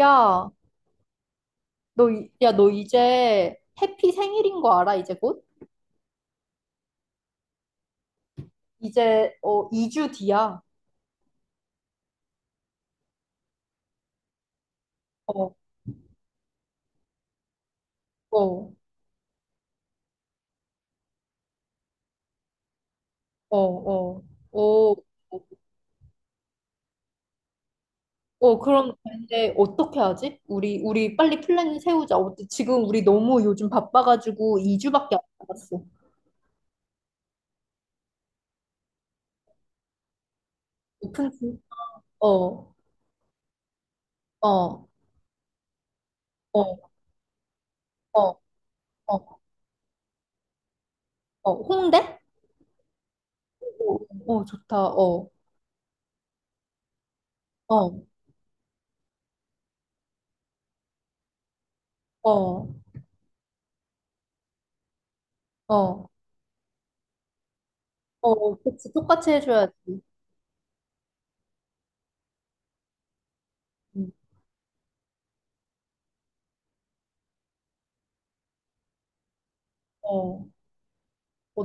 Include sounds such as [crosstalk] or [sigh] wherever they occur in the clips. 야, 너, 너 이제 해피 생일인 거 알아, 이제 곧? 이제, 2주 뒤야. 어, 어, 어, 어, 어, 어, 그럼 이제 어떻게 하지? 우리 빨리 플랜 세우자. 어, 지금 우리 너무 요즘 바빠가지고 2주밖에 안 남았어. 오픈, 주- 어, 어, 어, 어, 어, 어, 홍대? 어, 어, 좋다. 어, 어, 어, 어, 어, 그치. 똑같이 해줘야지. 응, 어, 어,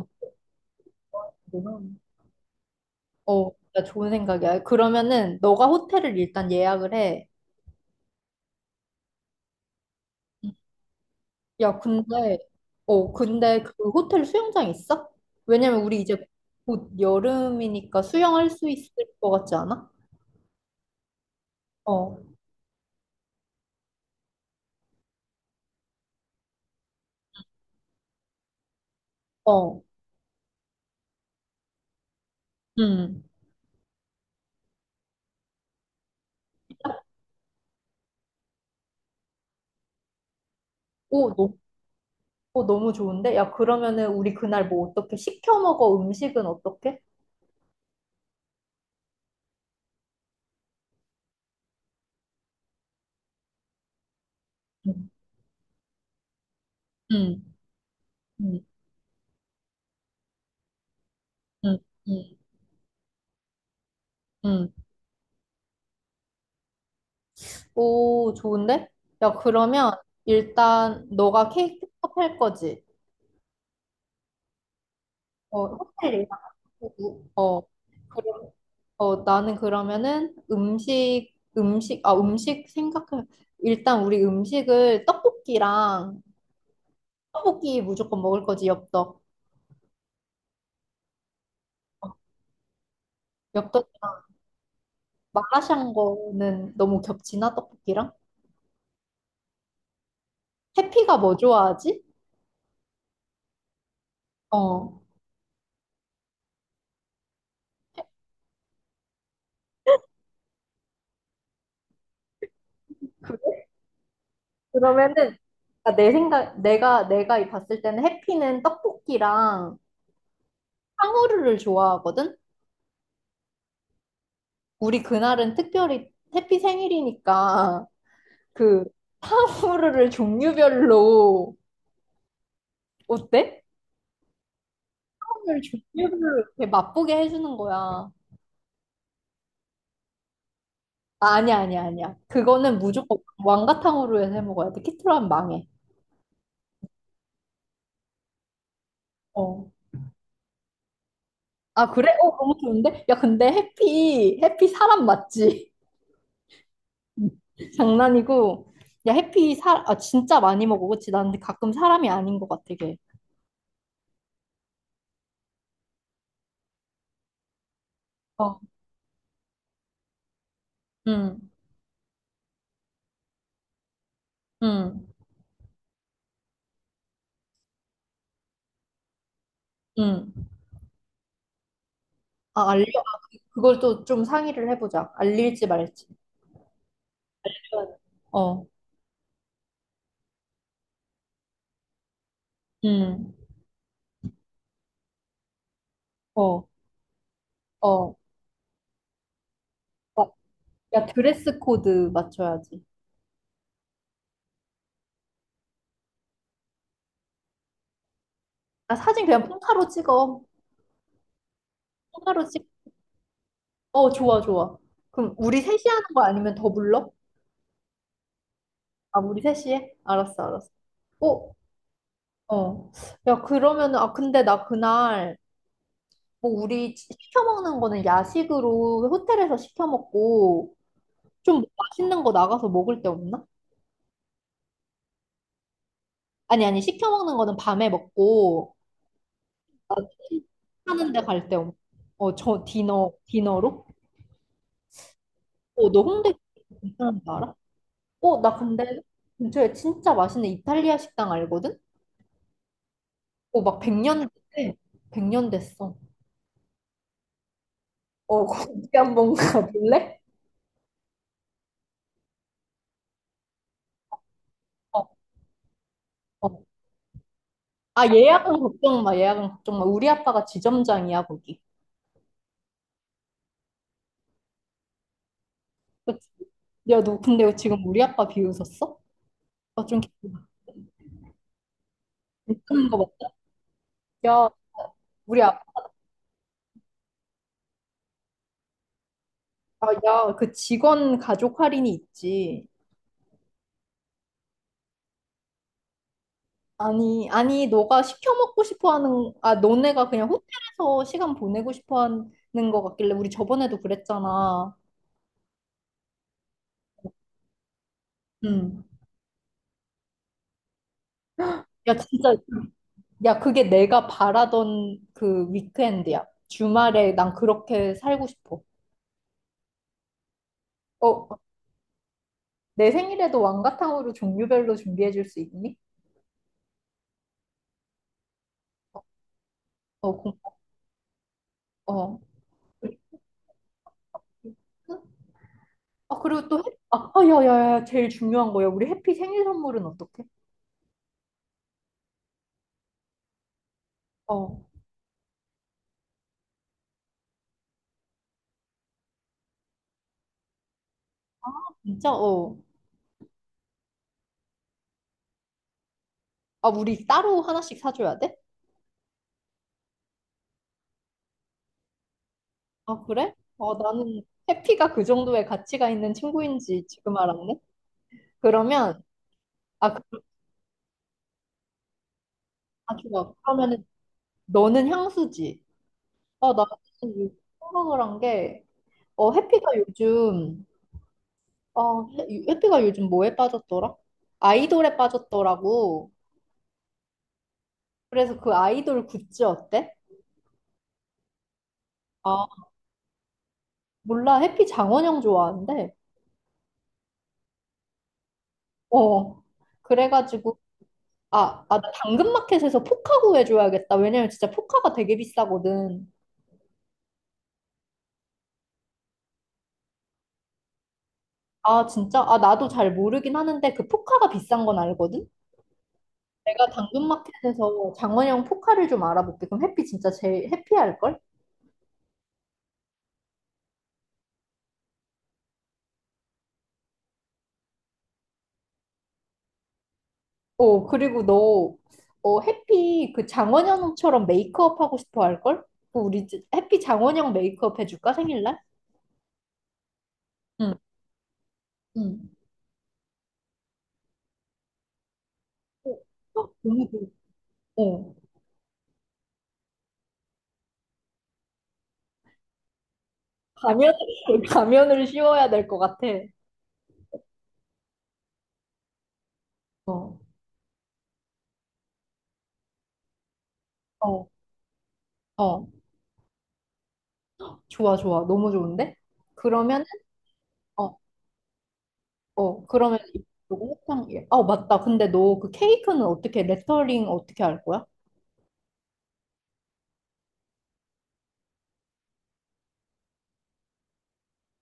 뭐야. 어, 진짜 좋은 생각이야. 그러면은 너가 호텔을 일단 예약을 해. 야, 근데 어, 근데 그 호텔 수영장 있어? 왜냐면 우리 이제 곧 여름이니까 수영할 수 있을 것 같지 않아? 어, 어, 음. 오, 너무, 너무 좋은데? 야, 그러면은 우리 그날 뭐 어떻게 시켜 먹어? 음식은 어떻게? 음, 음, 음, 음, 음. 음. 오, 좋은데? 야, 그러면 일단 너가 케이크 컵할 거지? 어, 호텔 어, 그럼, 나는 그러면은 음식, 음식, 아, 음식 생각해. 일단 우리 음식을 떡볶이랑 떡볶이 무조건 먹을 거지, 엽떡. 엽떡이랑 마라샹궈는 너무 겹치나, 떡볶이랑? 해피가 뭐 좋아하지? 어. 그래? 그러면은 아, 내 생각, 내가 이 봤을 때는 해피는 떡볶이랑 탕후루를 좋아하거든? 우리 그날은 특별히 해피 생일이니까 그 탕후루를 종류별로 어때? 탕후루를 종류별로 이렇게 맛보게 해주는 거야. 아, 아니야, 아니야, 아니야. 그거는 무조건 왕가탕후루에서 해 먹어야 돼. 키트로 하면 망해. 어. 아, 그래? 어, 너무 좋은데? 야, 근데 해피, 해피 사람 맞지? [laughs] 장난이고. 야, 해피 사, 아, 진짜 많이 먹어. 그치? 난 근데 가끔 사람이 아닌 것 같아, 걔. 어, 응, 응, 응. 아, 알려. 그걸 또 좀 상의를 해보자. 알릴지 말지. 응. 어. 음, 어, 어, 와, 야, 드레스 코드 맞춰야지. 아, 사진 그냥 폰타로 찍어. 폰타로 찍. 어, 좋아, 좋아. 그럼 우리 셋이 하는 거 아니면 더 불러? 아, 우리 셋이 해? 알았어, 알았어. 어, 어. 야, 그러면은, 아, 근데 나 그날, 뭐, 우리 시켜 먹는 거는 야식으로 호텔에서 시켜 먹고, 좀 맛있는 거 나가서 먹을 데 없나? 아니, 아니, 시켜 먹는 거는 밤에 먹고, 나 하는 데 갈 데 없나? 어, 저 디너, 디너로? 어, 너 홍대 괜찮은 거 알아? 어, 나 근데 근처에 진짜 맛있는 이탈리아 식당 알거든? 어, 막 100년 됐대. 100년 됐어. 어, [laughs] 거기 한번 가볼래? 어, 어. 아, 예약은 걱정 마, 예약은 걱정 마. 우리 아빠가 지점장이야, 거기. 그치? 야, 너 근데 지금 우리 아빠 비웃었어? 아, 좀 기분 나쁘는 거 맞다. 야, 우리 아빠, 야, 그 직원 가족 할인이 있지. 아니, 아니, 너가 시켜 먹고 싶어 하는, 아, 너네가 그냥 호텔에서 시간 보내고 싶어 하는 것 같길래, 우리 저번에도 그랬잖아. 응. 야, 진짜, 야, 그게 내가 바라던 그 위크엔드야. 주말에 난 그렇게 살고 싶어. 어, 내 생일에도 왕가탕으로 종류별로 준비해 줄 수 있니? 어, 고, 어. 아, 그리고 또, 해, 아, 아, 야, 야, 야, 제일 중요한 거야. 우리 해피 생일 선물은 어떻게? 어, 진짜, 어. 아, 우리 따로 하나씩 사줘야 돼? 아, 그래? 어, 나는 해피가 그 정도의 가치가 있는 친구인지 지금 알았네. 그러면, 아, 그, 아, 좋아. 그러면은 너는 향수지. 어, 나는 이 생각을 한 게, 어, 해피가 요즘, 해피가 요즘 뭐에 빠졌더라? 아이돌에 빠졌더라고. 그래서 그 아이돌 굿즈 어때? 아, 몰라. 해피 장원영 좋아하는데. 어. 그래가지고, 아, 아, 나 당근마켓에서 포카 구해줘야겠다. 왜냐면 진짜 포카가 되게 비싸거든. 아, 진짜? 아, 나도 잘 모르긴 하는데 그 포카가 비싼 건 알거든? 내가 당근마켓에서 장원영 포카를 좀 알아볼게. 그럼 해피 진짜 제일 해피할걸? 어, 그리고 너, 어, 해피 그 장원영처럼 메이크업 하고 싶어 할걸? 해피 장원영 메이크업 해줄까? 생일날? 응, 응. 어, 어, 너무 좋 어. 가면을, [laughs] 가면을 씌워야 될 것 같아. 어, 어, 어. 좋아, 좋아. 너무 좋은데? 그러면, 어, 그러면 요거 호탕, 예. 어, 맞다. 근데 너 그 케이크는 어떻게, 레터링 어떻게 할 거야?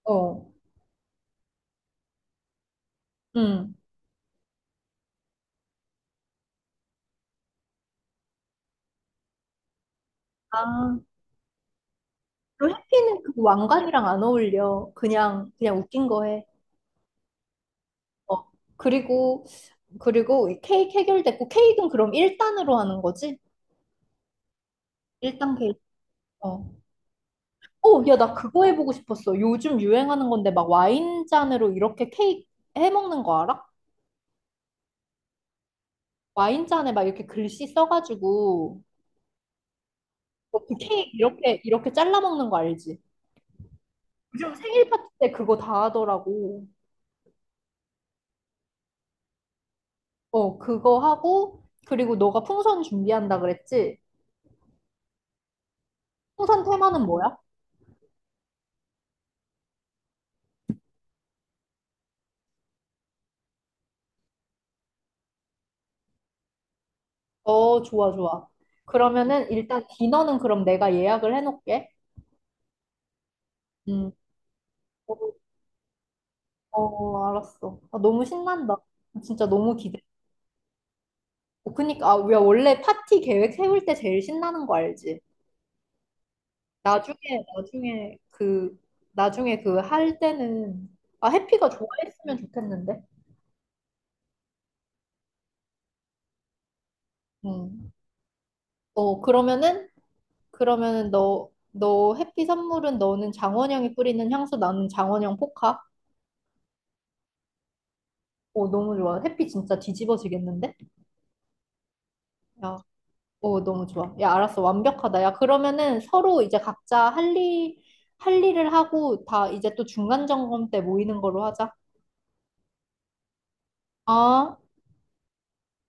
어, 응. 아, 그리고 해피는 그 왕관이랑 안 어울려. 그냥, 그냥 웃긴 거 해. 어, 그리고, 그리고 이 케이크 해결됐고, 케이크는 그럼 1단으로 하는 거지? 1단 케이크. 어. 어, 야, 나 그거 해보고 싶었어. 요즘 유행하는 건데, 막 와인잔으로 이렇게 케이크 해먹는 거 알아? 와인잔에 막 이렇게 글씨 써가지고, 어, 그 케이크 이렇게, 이렇게 잘라 먹는 거 알지? 요즘 생일 파티 때 그거 다 하더라고. 어, 그거 하고, 그리고 너가 풍선 준비한다 그랬지? 풍선 테마는 뭐야? 어, 좋아, 좋아. 그러면은 일단 디너는 그럼 내가 예약을 해놓을게. 음, 어, 어, 알았어. 아, 너무 신난다. 진짜 너무 기대. 어, 그니까, 아, 야, 원래 파티 계획 세울 때 제일 신나는 거 알지? 나중에, 나중에 그, 나중에 그 할 때는, 아, 해피가 좋아했으면 좋겠는데? 음. 어, 그러면은 너, 너 해피 선물은 너는 장원영이 뿌리는 향수, 나는 장원영 포카? 오, 너무 좋아. 해피 진짜 뒤집어지겠는데? 야, 오, 너무 좋아. 야, 알았어. 완벽하다. 야, 그러면은 서로 이제 각자 할 일, 할 일을 하고 다 이제 또 중간 점검 때 모이는 걸로 하자. 어?